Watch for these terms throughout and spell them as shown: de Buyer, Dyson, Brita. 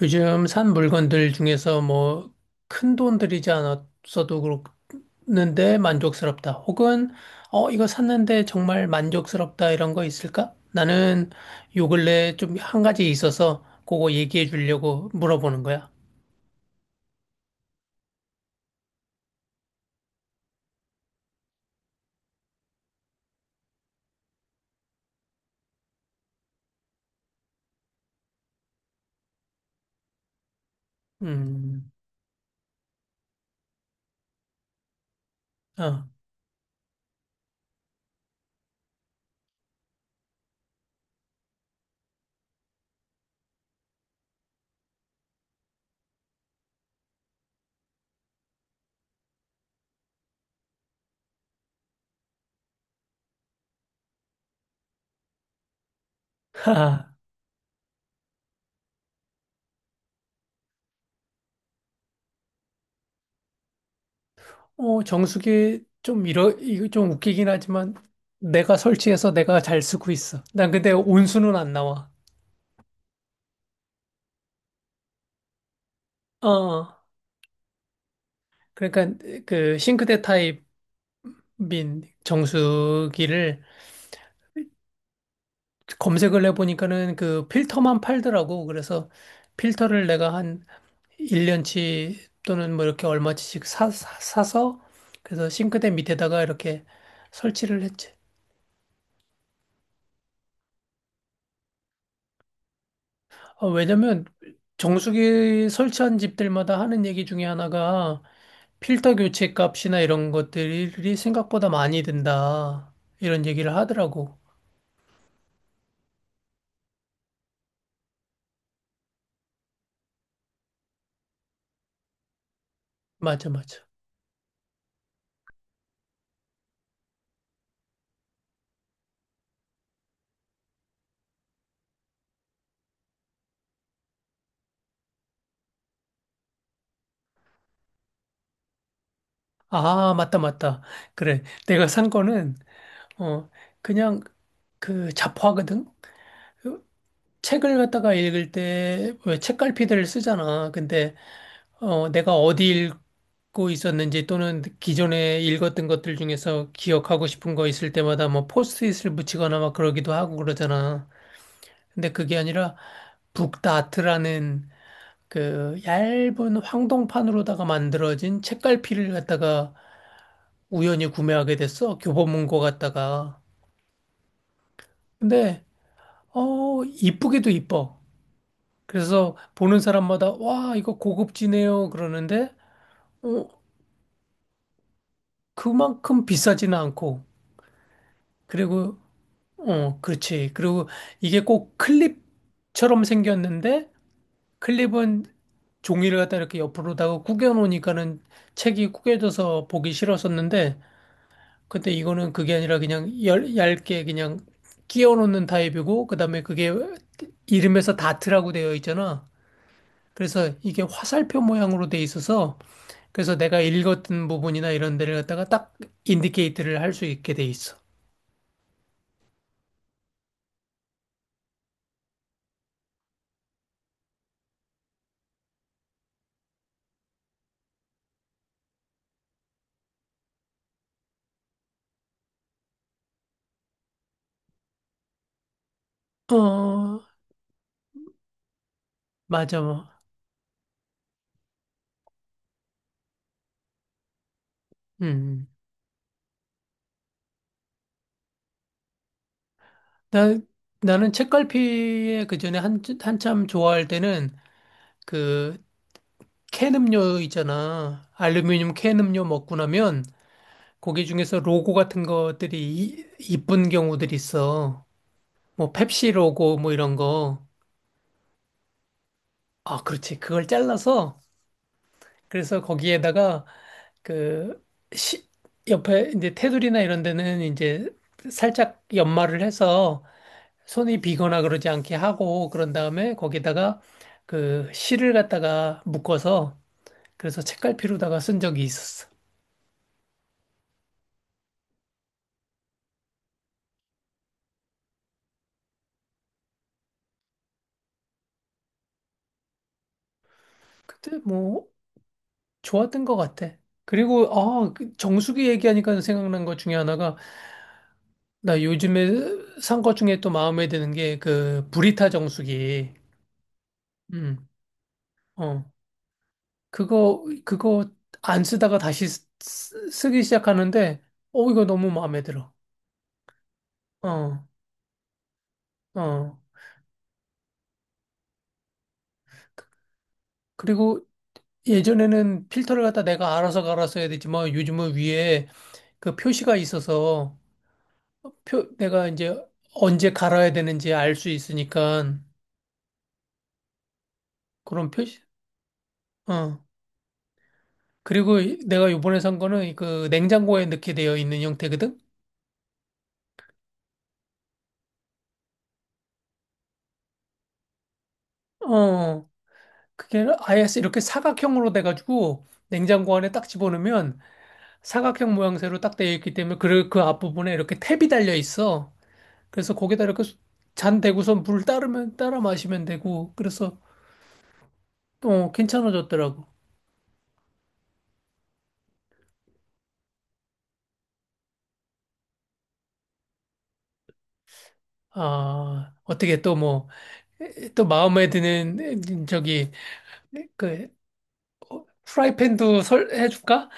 요즘 산 물건들 중에서 뭐 큰돈 들이지 않았어도 그렇는데 만족스럽다. 혹은 이거 샀는데 정말 만족스럽다 이런 거 있을까? 나는 요 근래 좀 한 가지 있어서 그거 얘기해 주려고 물어보는 거야. 음. 어. 하하. 정수기 좀 이러 이거 좀 웃기긴 하지만 내가 설치해서 내가 잘 쓰고 있어. 난 근데 온수는 안 나와. 어. 어. 그러니까 그 싱크대 타입 민 정수기를 검색을 해보니까는 그 필터만 팔더라고. 그래서 필터를 내가 한 1년치 또는 뭐 이렇게 얼마치씩 사서 그래서 싱크대 밑에다가 이렇게 설치를 했지. 어, 왜냐면 정수기 설치한 집들마다 하는 얘기 중에 하나가 필터 교체 값이나 이런 것들이 생각보다 많이 든다. 이런 얘기를 하더라고. 맞아, 맞아. 아, 맞다, 맞다. 그래. 내가 산 거는 어, 그냥 그 잡화거든? 그 책을 갖다가 읽을 때 왜 책갈피들을 쓰잖아. 근데 내가 어디 읽고 있었는지 또는 기존에 읽었던 것들 중에서 기억하고 싶은 거 있을 때마다 뭐 포스트잇을 붙이거나 막 그러기도 하고 그러잖아. 근데 그게 아니라 북다트라는 그 얇은 황동판으로다가 만들어진 책갈피를 갖다가 우연히 구매하게 됐어. 교보문고 갔다가. 근데 이쁘기도 이뻐. 그래서 보는 사람마다 와, 이거 고급지네요. 그러는데 어, 그만큼 비싸지는 않고 그리고 어, 그렇지. 그리고 이게 꼭 클립처럼 생겼는데 클립은 종이를 갖다 이렇게 옆으로다가 구겨 놓으니까는 책이 구겨져서 보기 싫었었는데 근데 이거는 그게 아니라 그냥 얇게 그냥 끼워 놓는 타입이고 그다음에 그게 이름에서 다트라고 되어 있잖아. 그래서 이게 화살표 모양으로 돼 있어서 그래서 내가 읽었던 부분이나 이런 데를 갖다가 딱 인디케이트를 할 수 있게 돼 있어. 어, 맞아, 뭐. 음. 나, 나는 책갈피에 그 전에 한참 좋아할 때는 그 캔 음료 있잖아. 알루미늄 캔 음료 먹고 나면 거기 중에서 로고 같은 것들이 이쁜 경우들이 있어. 뭐 펩시 로고 뭐 이런 거. 아, 그렇지. 그걸 잘라서 그래서 거기에다가 그 시, 옆에 이제 테두리나 이런 데는 이제 살짝 연마를 해서 손이 비거나 그러지 않게 하고 그런 다음에 거기다가 그 실을 갖다가 묶어서 그래서 책갈피로다가 쓴 적이 있었어. 그때 뭐 좋았던 것 같아. 그리고 아그 정수기 얘기하니까 생각난 것 중에 하나가 나 요즘에 산 것 중에 또 마음에 드는 게 그 브리타 정수기. 음. 어. 그거 안 쓰다가 쓰기 시작하는데, 어, 이거 너무 마음에 들어. 어, 어. 그리고 예전에는 필터를 갖다 내가 알아서 갈아서 해야 되지만 요즘은 위에 그 표시가 있어서 내가 이제 언제 갈아야 되는지 알 수 있으니까 그런 표시, 어. 그리고 내가 요번에 산 거는 그 냉장고에 넣게 되어 있는 형태거든? 어. 그게 아예 이렇게 사각형으로 돼가지고 냉장고 안에 딱 집어넣으면 사각형 모양새로 딱 되어 있기 때문에 그 앞부분에 이렇게 탭이 달려 있어. 그래서 거기다 이렇게 잔 대고서 물 따르면 따라 마시면 되고 그래서 또 괜찮아졌더라고. 아, 어떻게 또 뭐, 또 마음에 드는 저기 그 프라이팬도 설 해줄까?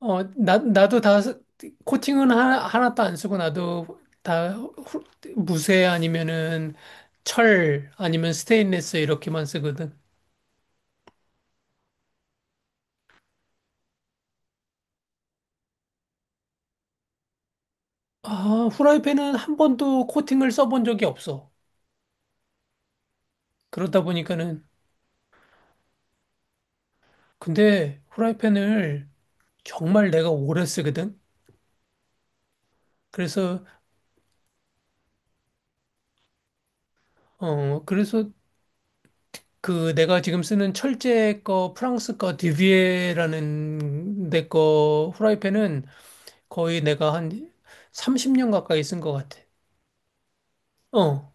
어, 나 나도 다 코팅은 하나도 안 쓰고 나도 무쇠 아니면은 철 아니면 스테인리스 이렇게만 쓰거든. 아, 후라이팬은 한 번도 코팅을 써본 적이 없어. 그러다 보니까는, 근데 후라이팬을 정말 내가 오래 쓰거든? 그래서, 어, 그래서 그 내가 지금 쓰는 철제 거, 프랑스 거, 디비에라는 내거 후라이팬은 거의 내가 한 30년 가까이 쓴 것 같아. 어.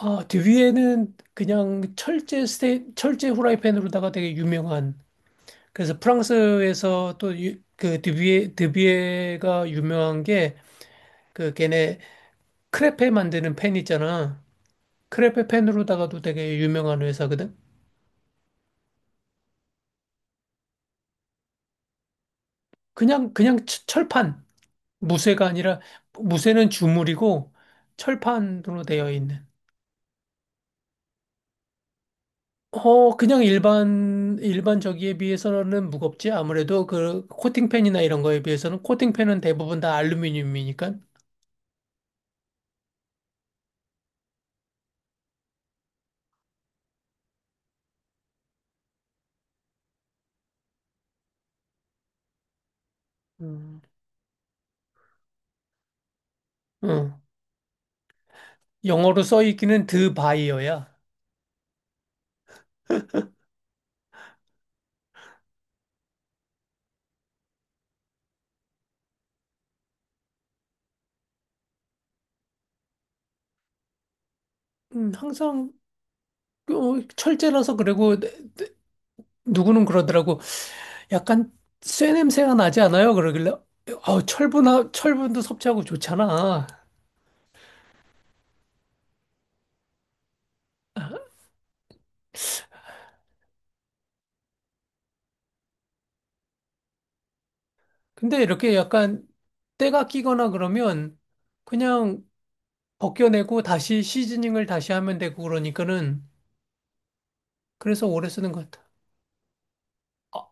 아, 디비에는 그냥 철제 후라이팬으로다가 되게 유명한 그래서 프랑스에서 또그 드뷔에가 유명한 게 그 걔네 크레페 만드는 펜 있잖아. 크레페 펜으로다가도 되게 유명한 회사거든. 그냥 철판 무쇠가 아니라 무쇠는 주물이고 철판으로 되어 있는. 어 그냥 일반 저기에 비해서는 무겁지. 아무래도 그 코팅펜이나 이런 거에 비해서는 코팅펜은 대부분 다 알루미늄이니까. 음. 어, 영어로 써 있기는 드 바이어야. 항상 어, 철제라서 그리고 내- 누구는 그러더라고. 약간 쇠 냄새가 나지 않아요? 그러길래 어, 철분도 섭취하고 좋잖아. 근데 이렇게 약간 때가 끼거나 그러면 그냥 벗겨내고 다시 시즈닝을 다시 하면 되고 그러니까는 그래서 오래 쓰는 것 같아. 아,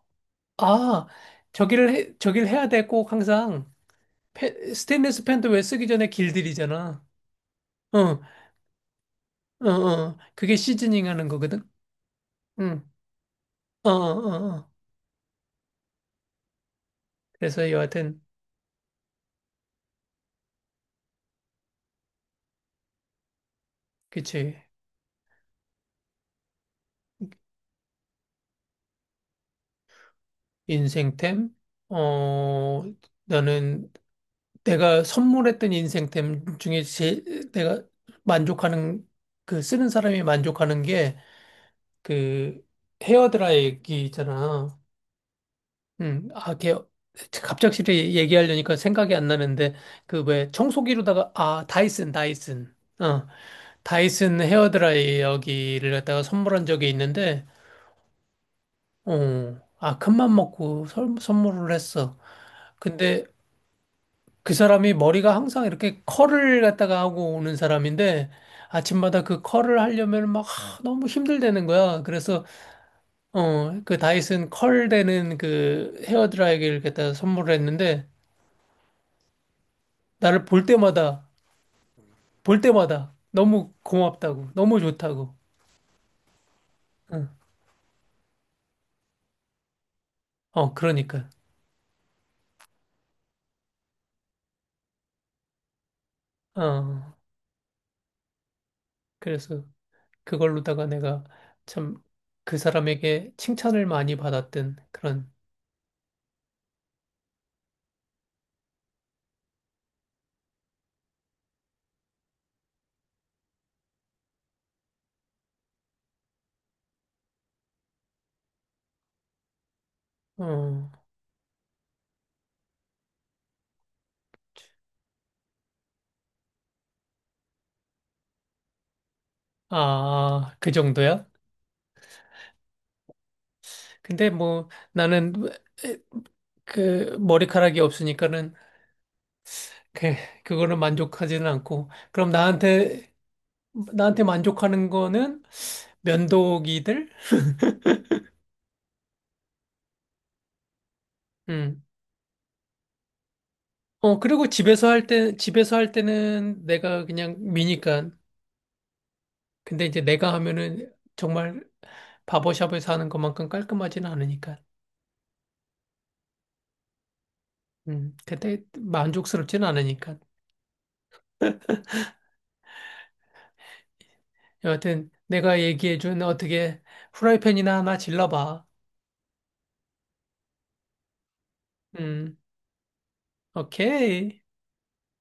아, 저기를 해야 돼 꼭 항상. 스테인리스 펜도 왜 쓰기 전에 길들이잖아. 어, 어, 어. 그게 시즈닝 하는 거거든. 응. 어, 어, 어. 그래서 여하튼, 그치. 인생템? 어, 나는 내가 선물했던 인생템 중에 내가 만족하는, 그 쓰는 사람이 만족하는 게 그 헤어드라이기 있잖아. 음, 아, 걔, 갑작스레 얘기하려니까 생각이 안 나는데, 그 왜 청소기로다가, 아, 다이슨. 어, 다이슨 헤어드라이어기를 갖다가 선물한 적이 있는데, 어, 아, 큰맘 먹고 선물을 했어. 근데 그 사람이 머리가 항상 이렇게 컬을 갖다가 하고 오는 사람인데 아침마다 그 컬을 하려면 막 하, 너무 힘들다는 거야. 그래서 어, 그 다이슨 컬 되는 그 헤어드라이기를 갖다가 선물을 했는데 나를 볼 때마다 너무 고맙다고 너무 좋다고. 응. 어, 그러니까. 어, 그래서 그걸로다가 내가 참 그 사람에게 칭찬을 많이 받았던 그런, 어, 아, 그 정도야? 근데 뭐 나는 그 머리카락이 없으니까는 그, 그거는 만족하지는 않고. 나한테 만족하는 거는 면도기들? 음. 어, 그리고 집에서 할 때는 내가 그냥 미니까. 근데 이제 내가 하면은 정말 바버샵에서 하는 것만큼 깔끔하지는 않으니까. 그때 만족스럽진 않으니까. 여하튼 내가 얘기해준 어떻게 후라이팬이나 하나 질러봐. 음, 오케이.